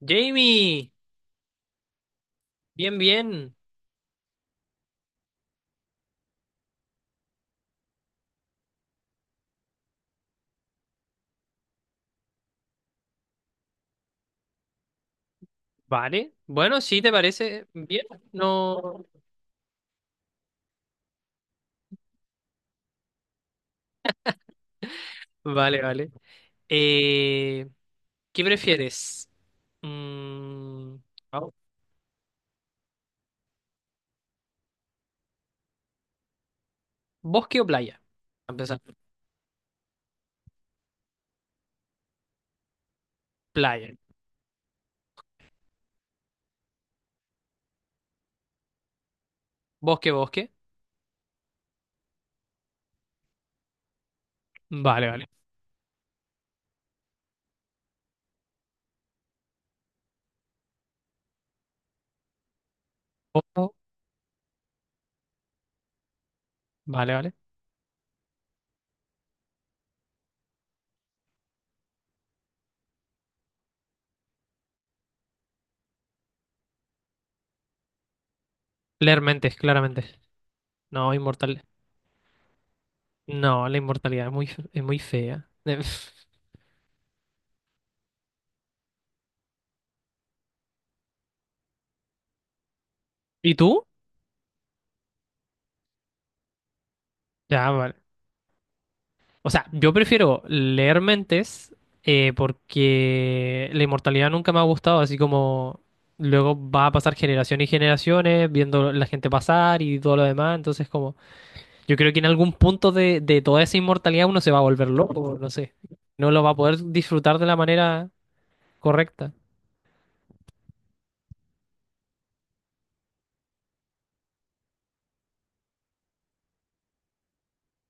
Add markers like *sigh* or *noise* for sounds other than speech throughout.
Jamie, bien, bien. Vale. Bueno, sí, ¿te parece bien? No. Vale, vale. Eh, ¿Qué prefieres? Mm, au- ¿Bosque o playa? A empezar, playa. ¿Bosque, bosque? Vale, vale. Ojo, vale, vale. Leer mentes, claramente. No, inmortal. No, la inmortalidad es muy fea. *laughs* ¿Y tú? Ya, vale. O sea, yo prefiero leer mentes porque la inmortalidad nunca me ha gustado, así como luego va a pasar generaciones y generaciones viendo la gente pasar y todo lo demás, entonces como yo creo que en algún punto de toda esa inmortalidad uno se va a volver loco, no sé, no lo va a poder disfrutar de la manera correcta. *laughs*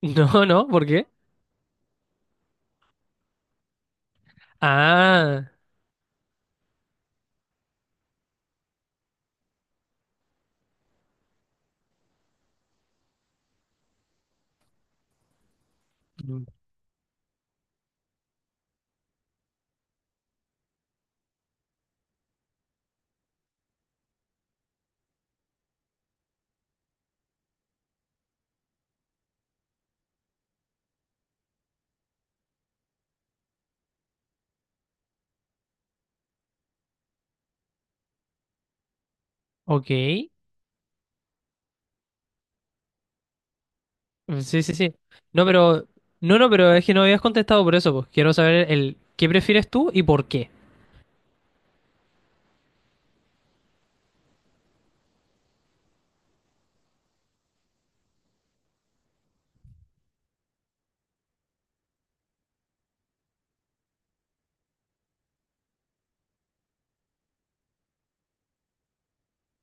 No, no, ¿por qué? Ah, mm, ok, sí, sí, sí. No, pero, es que no habías contestado por eso, pues quiero saber ¿qué prefieres tú y por qué?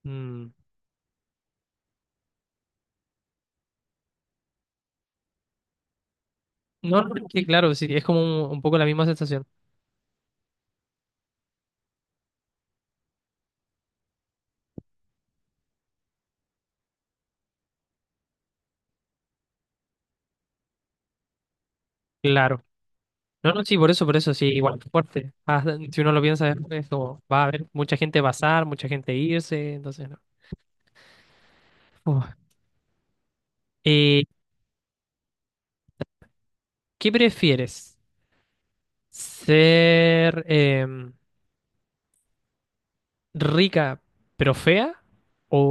Mm, no, no, es que claro, sí, es como un poco la misma sensación. Claro. No, no, sí, por eso, sí, igual fuerte. Ah, si uno lo piensa, es como, va a haber mucha gente pasar, mucha gente irse, entonces no. Uf. Eh, ¿Qué prefieres? ¿Ser rica pero fea o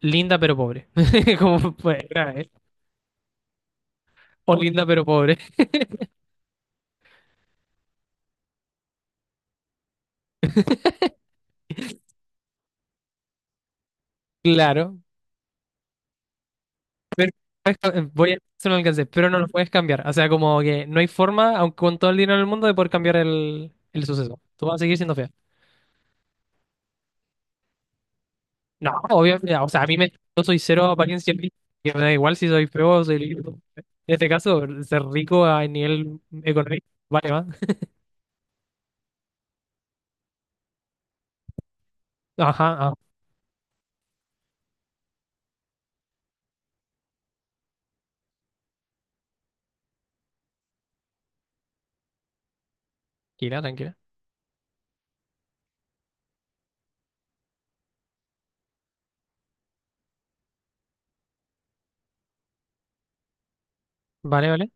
linda pero pobre? *laughs* Como, pues, grave. O linda pero pobre, *laughs* claro. Perfecto, voy a hacer un alcance, pero no lo puedes cambiar. O sea, como que no hay forma, aunque con todo el dinero del mundo, de poder cambiar el suceso. Tú vas a seguir siendo fea. No, obviamente, o sea, yo soy cero apariencia física, que me da igual si soy feo o soy lindo. En este caso, ser rico a nivel económico, vale, va. Ajá, ah, tranquila, tranquila. Vale, vale,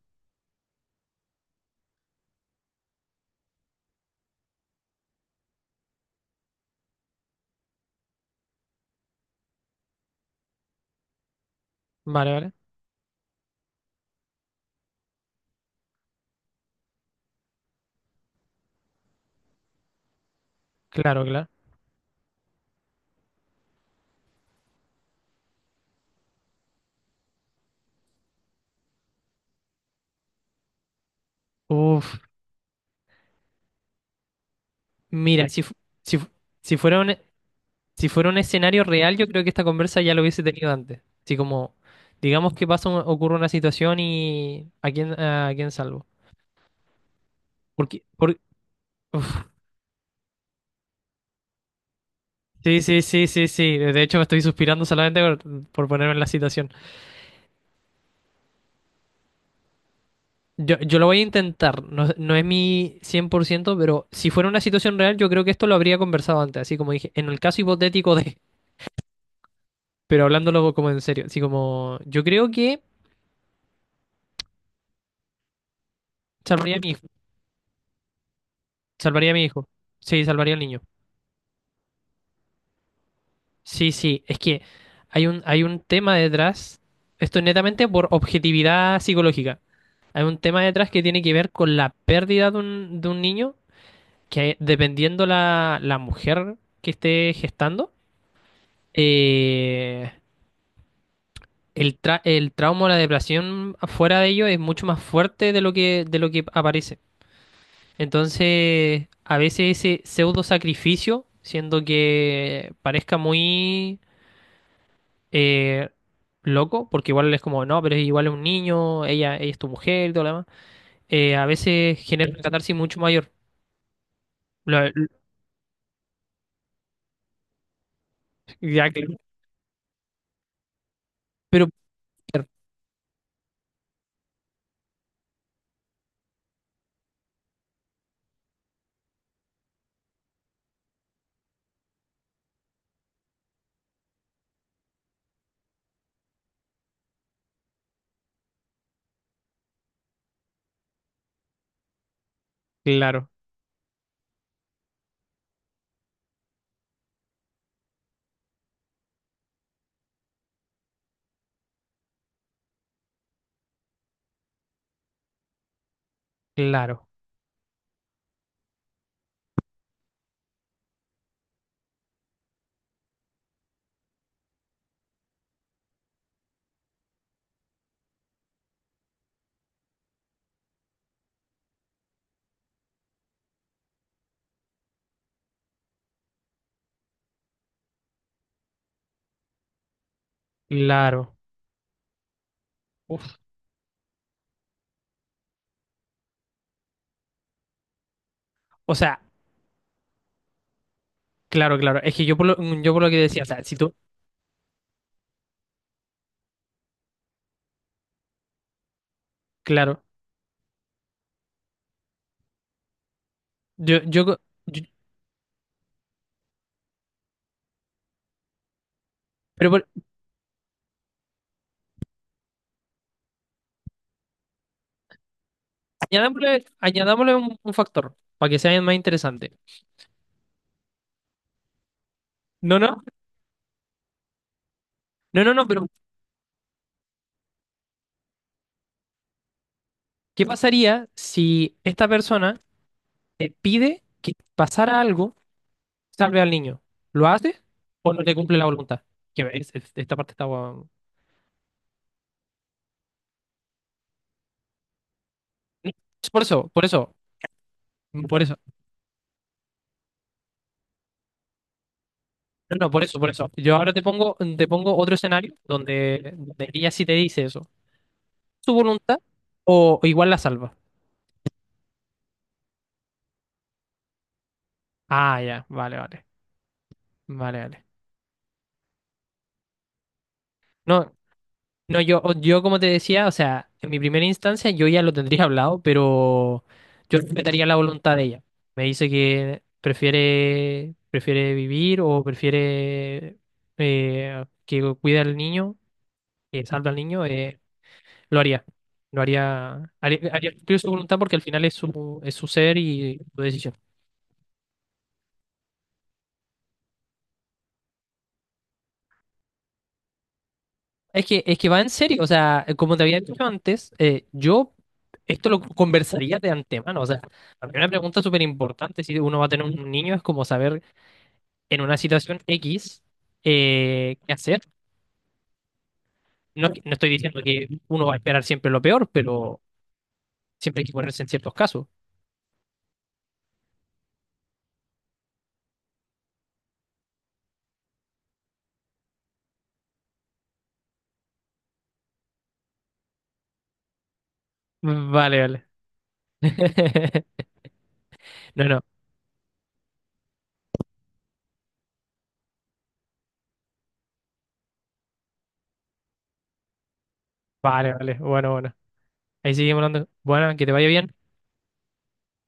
vale, vale. Claro, claro. Uf, mira, si, fu- si fuera un, si fuera un escenario real, yo creo que esta conversa ya lo hubiese tenido antes. Así como, digamos que pasa, ocurre una situación y ¿a quién salvo? Porque, sí, sí, sí, sí, sí. De hecho, me estoy suspirando solamente por ponerme en la situación. Yo lo voy a intentar. No, no es mi 100%, pero si fuera una situación real, yo creo que esto lo habría conversado antes. Así como dije, en el caso hipotético de. Pero hablándolo como en serio. Así como, yo creo que salvaría a mi hijo. Salvaría a mi hijo. Sí, salvaría al niño. Sí, sí, es que hay un tema detrás, esto es netamente por objetividad psicológica, hay un tema detrás que tiene que ver con la pérdida de un niño, que dependiendo la mujer que esté gestando, eh, el trauma o la depresión fuera de ello es mucho más fuerte de lo que aparece. Entonces, a veces ese pseudo sacrificio, siendo que parezca muy eh, loco, porque igual es como, no, pero igual es un niño, ella, es tu mujer y todo lo demás, a veces genera una catarsis mucho mayor. Lo- lo- ya, pero claro, claro, claro. Uf. O sea, claro, claro. Es que yo por lo que decía, o sea, si tú, claro, yo, yo, co- yo- pero añadámosle un factor para que sea más interesante. No, no, no, no, no, pero ¿qué pasaría si esta persona te pide que pasara algo? Salve al niño. ¿Lo hace o no le cumple la voluntad? Que esta parte está guau. Es por eso, por eso, por eso. No, no, por eso, por eso. Yo ahora te pongo otro escenario donde ella sí te dice eso. ¿Su voluntad o igual la salva? Ah, ya, vale, vale, vale, vale. No. No, yo como te decía, o sea, en mi primera instancia yo ya lo tendría hablado, pero yo respetaría la voluntad de ella. Me dice que prefiere vivir o prefiere que cuida al niño, que salva al niño, lo haría. Lo haría, haría cumplir su voluntad porque al final es su ser y su decisión. Es que va en serio, o sea, como te había dicho antes, yo esto lo conversaría de antemano, o sea, la primera pregunta súper importante si uno va a tener un niño es como saber en una situación X qué hacer. No, no estoy diciendo que uno va a esperar siempre lo peor, pero siempre hay que ponerse en ciertos casos. Vale, vale. *laughs* No, no, vale, vale. Bueno, bueno. Ahí seguimos hablando. Bueno, que te vaya bien.